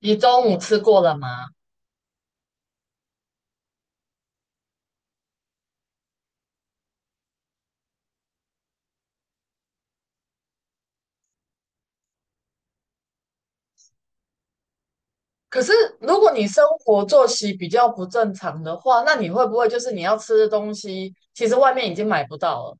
你中午吃过了吗？可是如果你生活作息比较不正常的话，那你会不会就是你要吃的东西，其实外面已经买不到了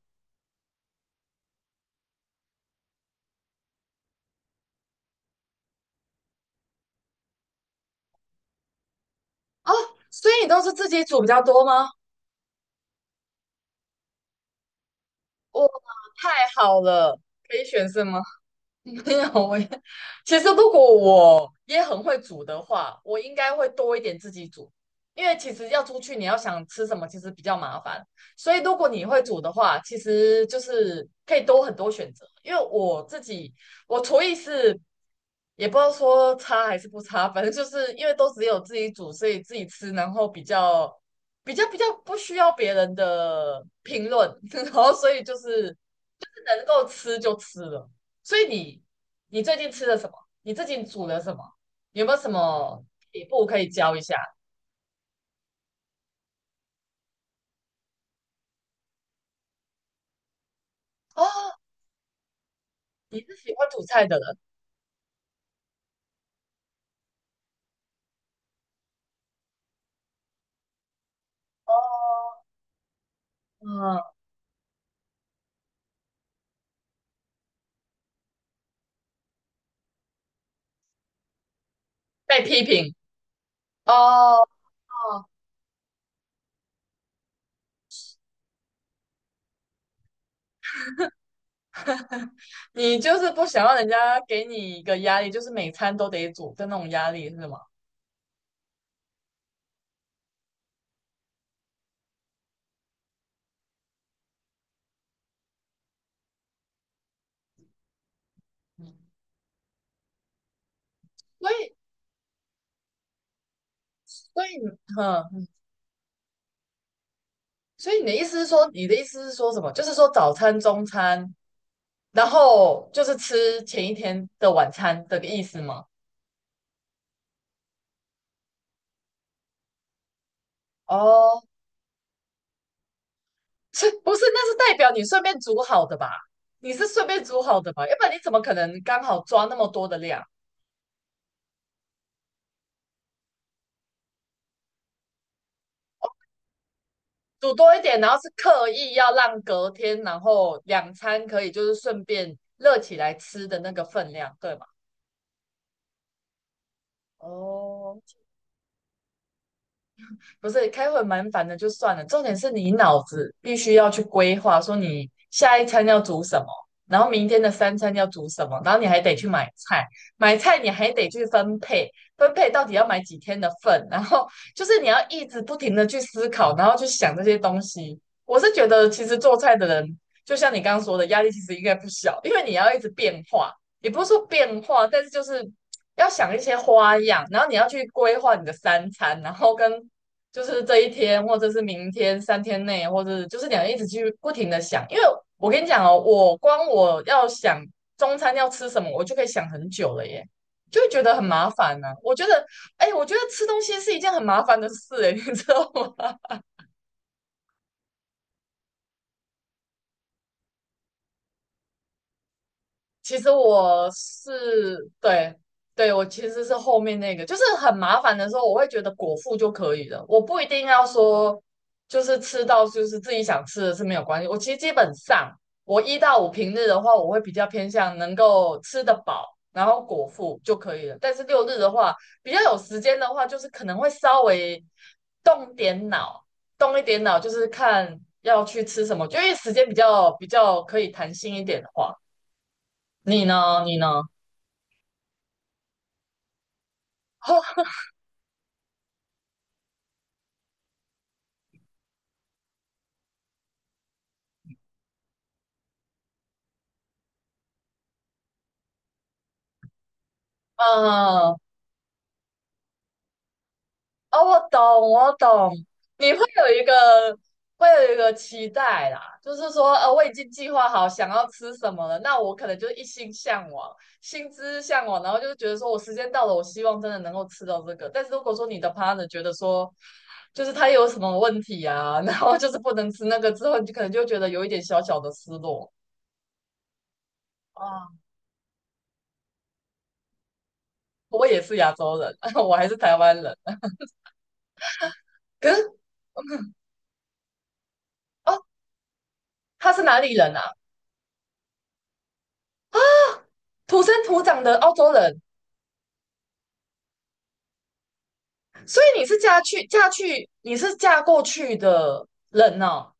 哦？所以你都是自己煮比较多吗？哇，太好了，可以选是吗？没有，我也其实如果我也很会煮的话，我应该会多一点自己煮，因为其实要出去你要想吃什么，其实比较麻烦。所以如果你会煮的话，其实就是可以多很多选择。因为我自己我厨艺是也不知道说差还是不差，反正就是因为都只有自己煮，所以自己吃，然后比较不需要别人的评论，然后所以就是能够吃就吃了。所以你最近吃了什么？你最近煮了什么？有没有什么撇步可以教一下？哦，你是喜欢煮菜的人哦。嗯，被批评哦，你就是不想让人家给你一个压力，就是每餐都得煮的那种压力，是吗？嗯，所以所以嗯，你的意思是说，你的意思是说什么？就是说早餐、中餐，然后就是吃前一天的晚餐的意思吗？哦，是不是？那是代表你顺便煮好的吧？你是顺便煮好的吧？要不然你怎么可能刚好抓那么多的量？煮多一点，然后是刻意要让隔天，然后两餐可以就是顺便热起来吃的那个分量，对吗？哦，不是开会蛮烦的，就算了。重点是你脑子必须要去规划，说你下一餐要煮什么，然后明天的三餐要煮什么，然后你还得去买菜，买菜你还得去分配，分配到底要买几天的份，然后就是你要一直不停的去思考，然后去想这些东西。我是觉得，其实做菜的人，就像你刚刚说的，压力其实应该不小，因为你要一直变化，也不是说变化，但是就是要想一些花样，然后你要去规划你的三餐，然后跟就是这一天，或者是明天三天内，或者就是你要一直去不停的想，因为我跟你讲哦，我光我要想中餐要吃什么，我就可以想很久了耶，就会觉得很麻烦呢、我觉得，哎，我觉得吃东西是一件很麻烦的事，哎，你知道吗？其实我是对对，我其实是后面那个，就是很麻烦的时候，我会觉得果腹就可以了，我不一定要说就是吃到就是自己想吃的是没有关系。我其实基本上我一到五平日的话，我会比较偏向能够吃得饱，然后果腹就可以了。但是六日的话，比较有时间的话，就是可能会稍微动点脑，动一点脑，就是看要去吃什么，就因为时间比较可以弹性一点的话。你呢？你呢？哦，嗯，哦，我懂，我懂。你会有一个，会有一个期待啦，就是说，我已经计划好想要吃什么了，那我可能就一心向往，心之向往，然后就觉得说我时间到了，我希望真的能够吃到这个。但是如果说你的 partner 觉得说，就是他有什么问题啊，然后就是不能吃那个之后，你就可能就觉得有一点小小的失落啊。我也是亚洲人，我还是台湾人，可是哦，他是哪里人啊？土生土长的澳洲人，所以你是嫁过去的人哦。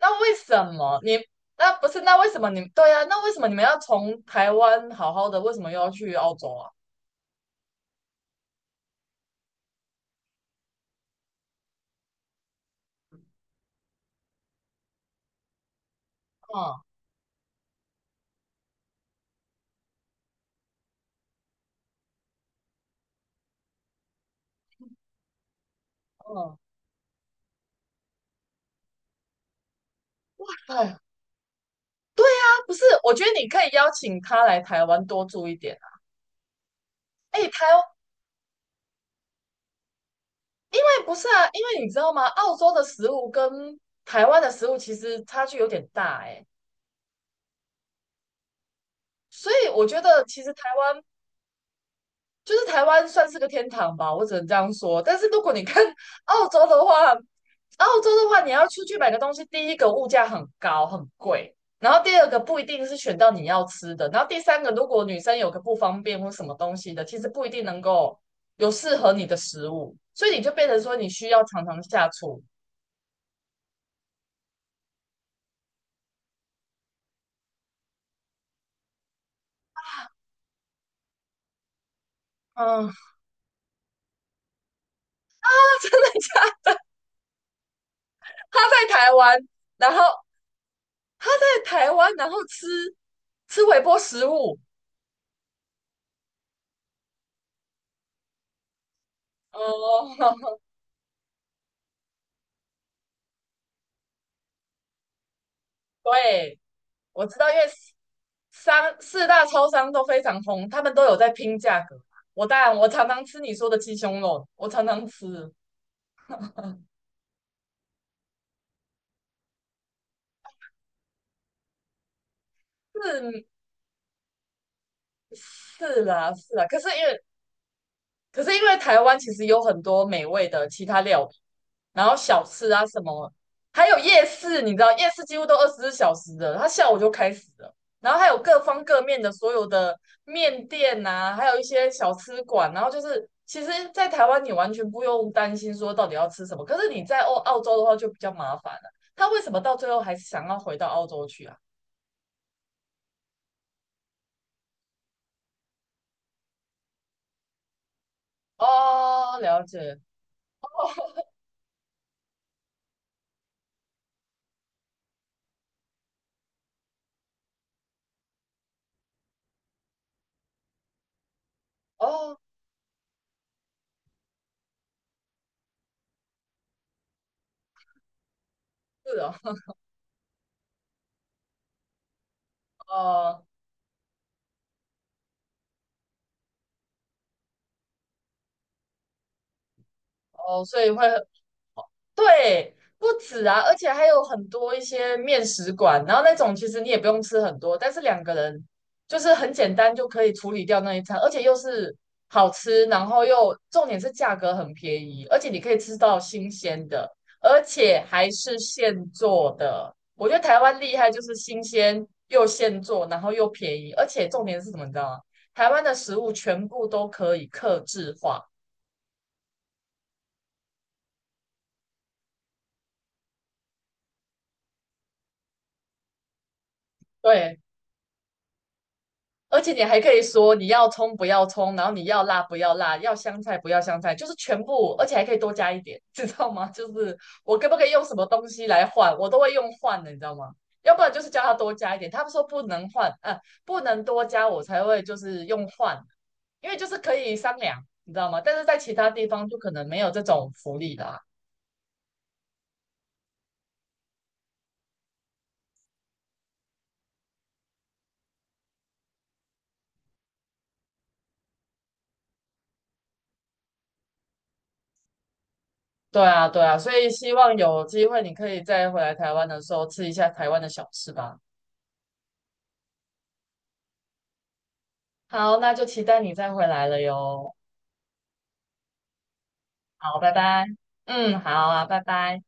那为什么你那不是？那为什么你对啊？那为什么你们要从台湾好好的，为什么又要去澳洲啊？嗯嗯，哎，不是，我觉得你可以邀请他来台湾多住一点啊。哎，台湾哎不是啊，因为你知道吗？澳洲的食物跟台湾的食物其实差距有点大哎、所以我觉得其实台湾就是台湾算是个天堂吧，我只能这样说。但是如果你看 澳洲的话，澳洲的话，你要出去买个东西，第一个物价很高很贵，然后第二个不一定是选到你要吃的，然后第三个，如果女生有个不方便或什么东西的，其实不一定能够有适合你的食物，所以你就变成说你需要常常下厨。嗯，他真的假？他在台湾，然后他在台湾，然后吃微波食物。哦，对，我知道，因为商四大超商都非常红，他们都有在拼价格。我当然，我常常吃你说的鸡胸肉，我常常吃，是是啦是啦。可是因为可是因为台湾其实有很多美味的其他料理然后小吃啊什么，还有夜市，你知道夜市几乎都24小时的，它下午就开始了。然后还有各方各面的所有的面店呐、啊还有一些小吃馆，然后就是其实，在台湾你完全不用担心说到底要吃什么，可是你在澳洲的话就比较麻烦了。他为什么到最后还是想要回到澳洲去啊？哦，了解。哦，是哦，哦哦，所以会。哦对，不止啊，而且还有很多一些面食馆，然后那种其实你也不用吃很多，但是两个人就是很简单就可以处理掉那一餐，而且又是好吃，然后又重点是价格很便宜，而且你可以吃到新鲜的，而且还是现做的。我觉得台湾厉害就是新鲜又现做，然后又便宜，而且重点是什么，你知道吗？台湾的食物全部都可以克制化。对，而且你还可以说你要葱不要葱，然后你要辣不要辣，要香菜不要香菜，就是全部，而且还可以多加一点，知道吗？就是我可不可以用什么东西来换，我都会用换的，你知道吗？要不然就是叫他多加一点，他们说不能换，不能多加，我才会就是用换，因为就是可以商量，你知道吗？但是在其他地方就可能没有这种福利啦。对啊，对啊，所以希望有机会你可以再回来台湾的时候吃一下台湾的小吃吧。好，那就期待你再回来了哟。好，拜拜。嗯，好啊，拜拜。